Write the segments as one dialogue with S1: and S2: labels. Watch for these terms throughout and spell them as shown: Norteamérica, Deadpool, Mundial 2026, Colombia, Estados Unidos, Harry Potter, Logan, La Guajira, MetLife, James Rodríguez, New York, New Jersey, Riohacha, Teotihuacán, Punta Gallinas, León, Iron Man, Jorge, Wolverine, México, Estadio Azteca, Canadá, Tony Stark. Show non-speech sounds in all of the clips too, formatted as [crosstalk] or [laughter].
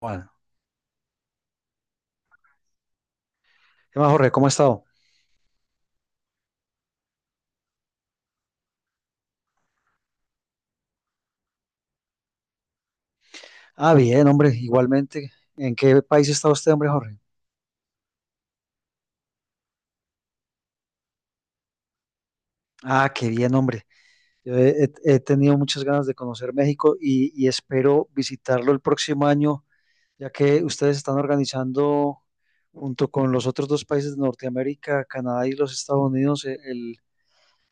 S1: Bueno, ¿qué más, Jorge? ¿Cómo ha estado? Ah, bien, hombre, igualmente. ¿En qué país está usted, hombre, Jorge? Ah, qué bien, hombre. Yo he tenido muchas ganas de conocer México y espero visitarlo el próximo año, ya que ustedes están organizando, junto con los otros dos países de Norteamérica, Canadá y los Estados Unidos,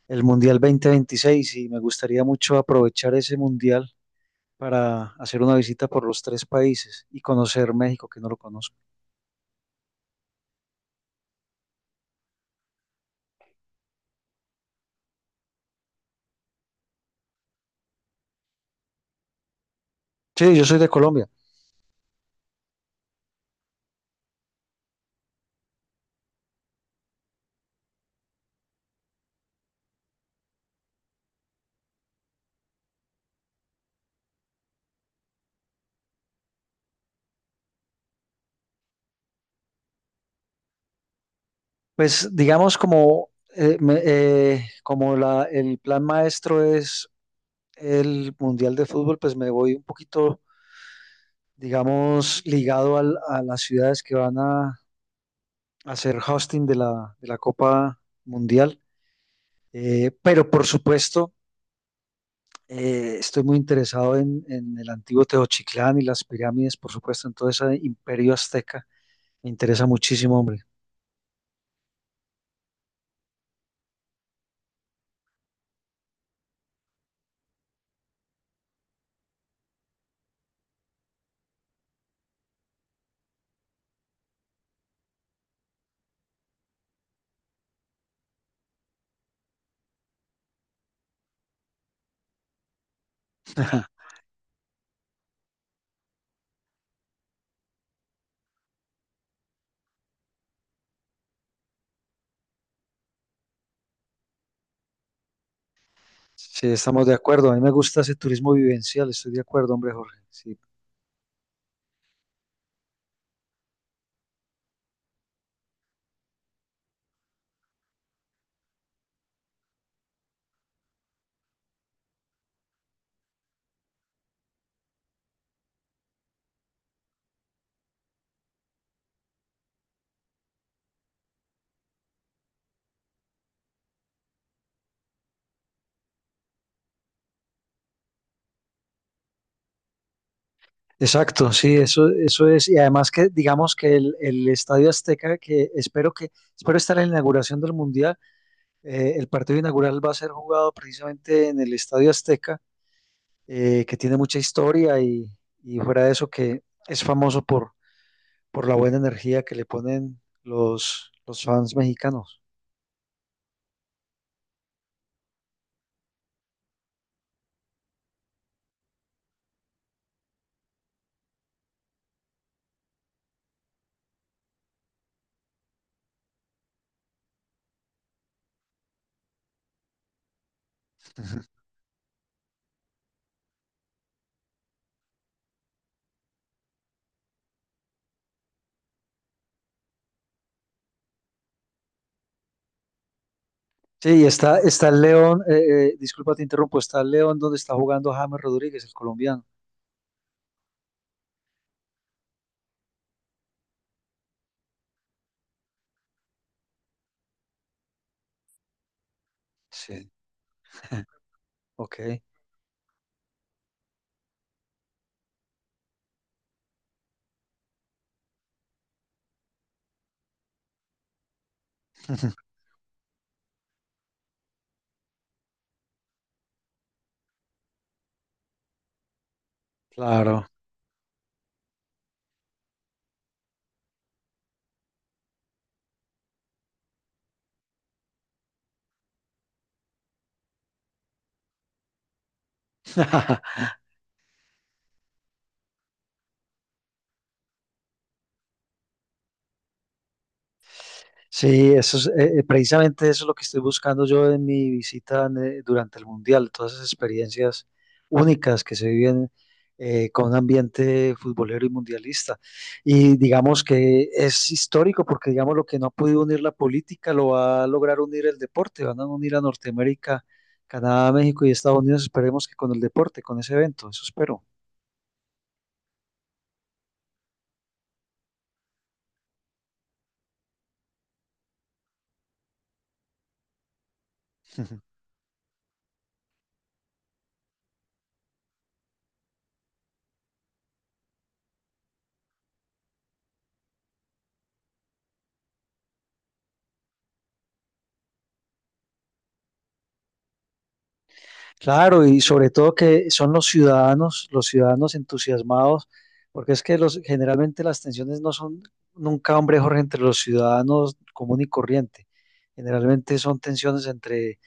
S1: el Mundial 2026 y me gustaría mucho aprovechar ese Mundial para hacer una visita por los tres países y conocer México, que no lo conozco. Sí, yo soy de Colombia. Pues digamos como, como el plan maestro es el Mundial de Fútbol, pues me voy un poquito, digamos, ligado a las ciudades que van a hacer hosting de la Copa Mundial. Pero por supuesto, estoy muy interesado en el antiguo Teotihuacán y las pirámides, por supuesto, en todo ese imperio azteca. Me interesa muchísimo, hombre. [laughs] Sí, estamos de acuerdo. A mí me gusta ese turismo vivencial, estoy de acuerdo, hombre, Jorge. Sí, exacto, sí, eso es. Y además que digamos que el Estadio Azteca, espero estar en la inauguración del Mundial, el partido inaugural va a ser jugado precisamente en el Estadio Azteca, que tiene mucha historia y fuera de eso que es famoso por la buena energía que le ponen los fans mexicanos. [laughs] Sí, y está, está el León, disculpa te interrumpo, está el León donde está jugando James Rodríguez, el colombiano. Sí, ok, claro. [laughs] Sí, eso es, precisamente eso es lo que estoy buscando yo en mi visita durante el Mundial, todas esas experiencias únicas que se viven con un ambiente futbolero y mundialista. Y digamos que es histórico porque digamos lo que no ha podido unir la política lo va a lograr unir el deporte, van a unir a Norteamérica, Canadá, México y Estados Unidos, esperemos que con el deporte, con ese evento, eso espero. [laughs] Claro, y sobre todo que son los ciudadanos entusiasmados, porque es que los, generalmente las tensiones no son nunca, hombre, Jorge, entre los ciudadanos común y corriente. Generalmente son tensiones entre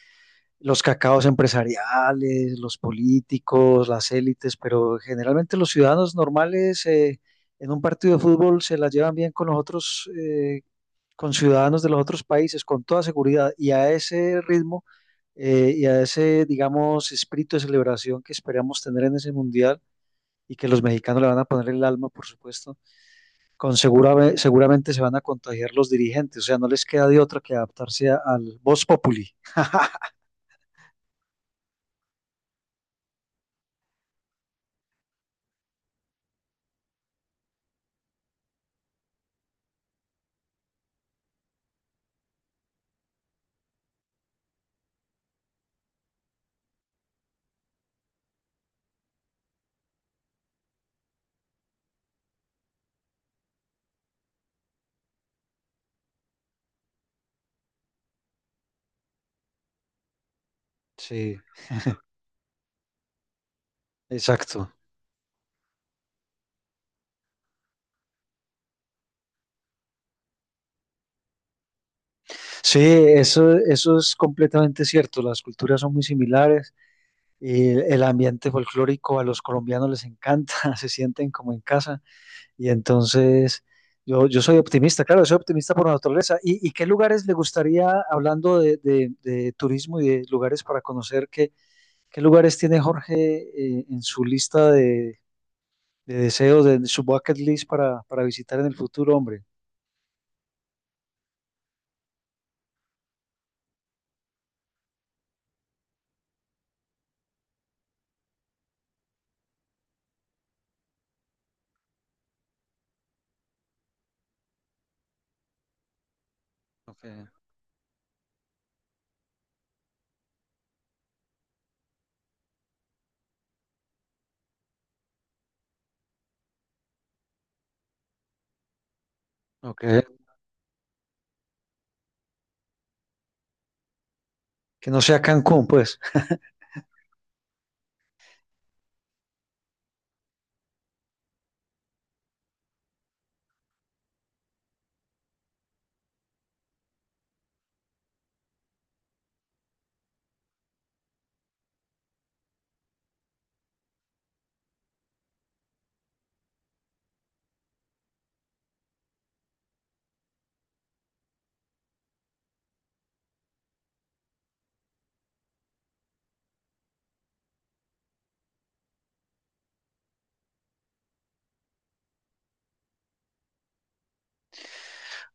S1: los cacaos empresariales, los políticos, las élites, pero generalmente los ciudadanos normales en un partido de fútbol se la llevan bien con los otros con ciudadanos de los otros países, con toda seguridad, y a ese ritmo y a ese, digamos, espíritu de celebración que esperamos tener en ese mundial y que los mexicanos le van a poner el alma, por supuesto, con seguramente se van a contagiar los dirigentes, o sea, no les queda de otra que adaptarse al vox populi. Sí, exacto. Sí, eso es completamente cierto, las culturas son muy similares. Eh, el ambiente folclórico a los colombianos les encanta, [laughs] se sienten como en casa. Y entonces, yo soy optimista, claro, soy optimista por naturaleza. Y qué lugares le gustaría, hablando de, de turismo y de lugares para conocer, qué, qué lugares tiene Jorge en su lista de deseos, de su bucket list para visitar en el futuro, hombre? Ok, ok. Que no sea Cancún, pues.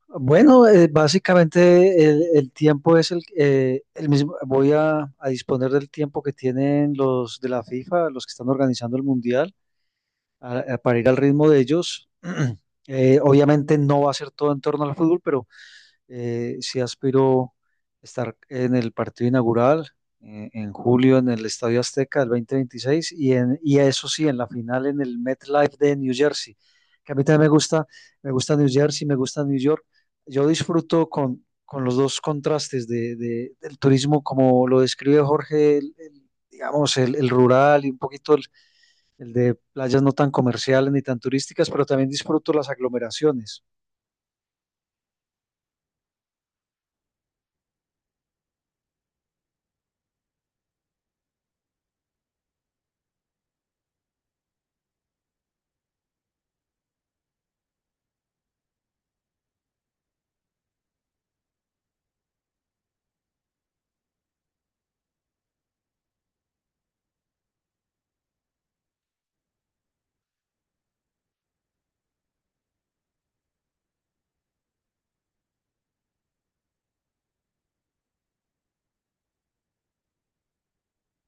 S1: Bueno, básicamente el tiempo es el mismo. Voy a disponer del tiempo que tienen los de la FIFA, los que están organizando el mundial. Para ir al ritmo de ellos. [clears throat] Obviamente no va a ser todo en torno al fútbol, pero sí aspiro estar en el partido inaugural en julio en el Estadio Azteca del 2026 y eso sí, en la final en el MetLife de New Jersey, que a mí también me gusta New Jersey, me gusta New York. Yo disfruto con los dos contrastes de, del turismo, como lo describe Jorge, el, digamos, el rural y un poquito el de playas no tan comerciales ni tan turísticas, pero también disfruto las aglomeraciones.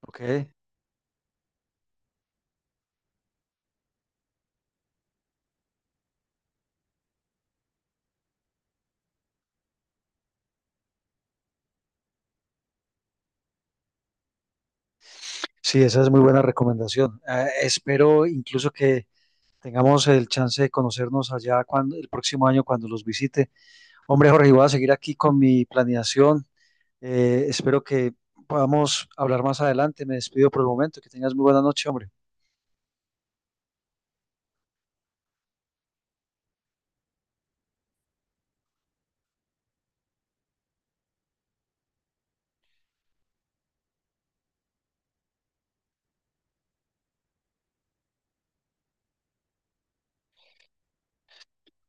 S1: Ok. Sí, esa es muy buena recomendación. Ah, espero incluso que tengamos el chance de conocernos allá cuando, el próximo año cuando los visite. Hombre, Jorge, voy a seguir aquí con mi planeación. Espero que podamos hablar más adelante. Me despido por el momento. Que tengas muy buena noche, hombre.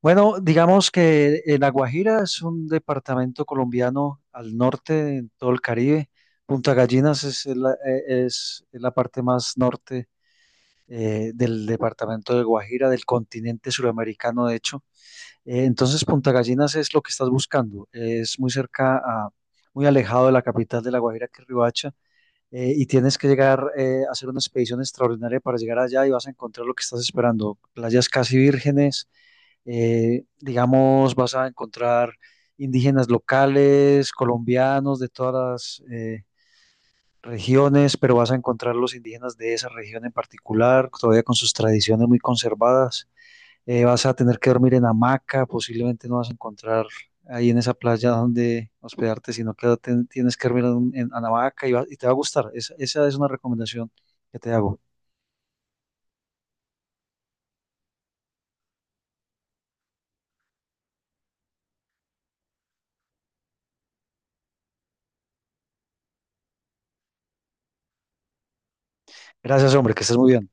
S1: Bueno, digamos que La Guajira es un departamento colombiano al norte, en todo el Caribe. Punta Gallinas es es la parte más norte del departamento de Guajira, del continente suramericano, de hecho. Entonces, Punta Gallinas es lo que estás buscando. Es muy cerca a, muy alejado de la capital de La Guajira, que es Riohacha, y tienes que llegar a hacer una expedición extraordinaria para llegar allá y vas a encontrar lo que estás esperando. Playas casi vírgenes digamos, vas a encontrar indígenas locales, colombianos de todas las regiones, pero vas a encontrar los indígenas de esa región en particular, todavía con sus tradiciones muy conservadas. Vas a tener que dormir en hamaca, posiblemente no vas a encontrar ahí en esa playa donde hospedarte, sino que tienes que dormir en, en hamaca y, y te va a gustar. Esa es una recomendación que te hago. Gracias, hombre, que estés muy bien.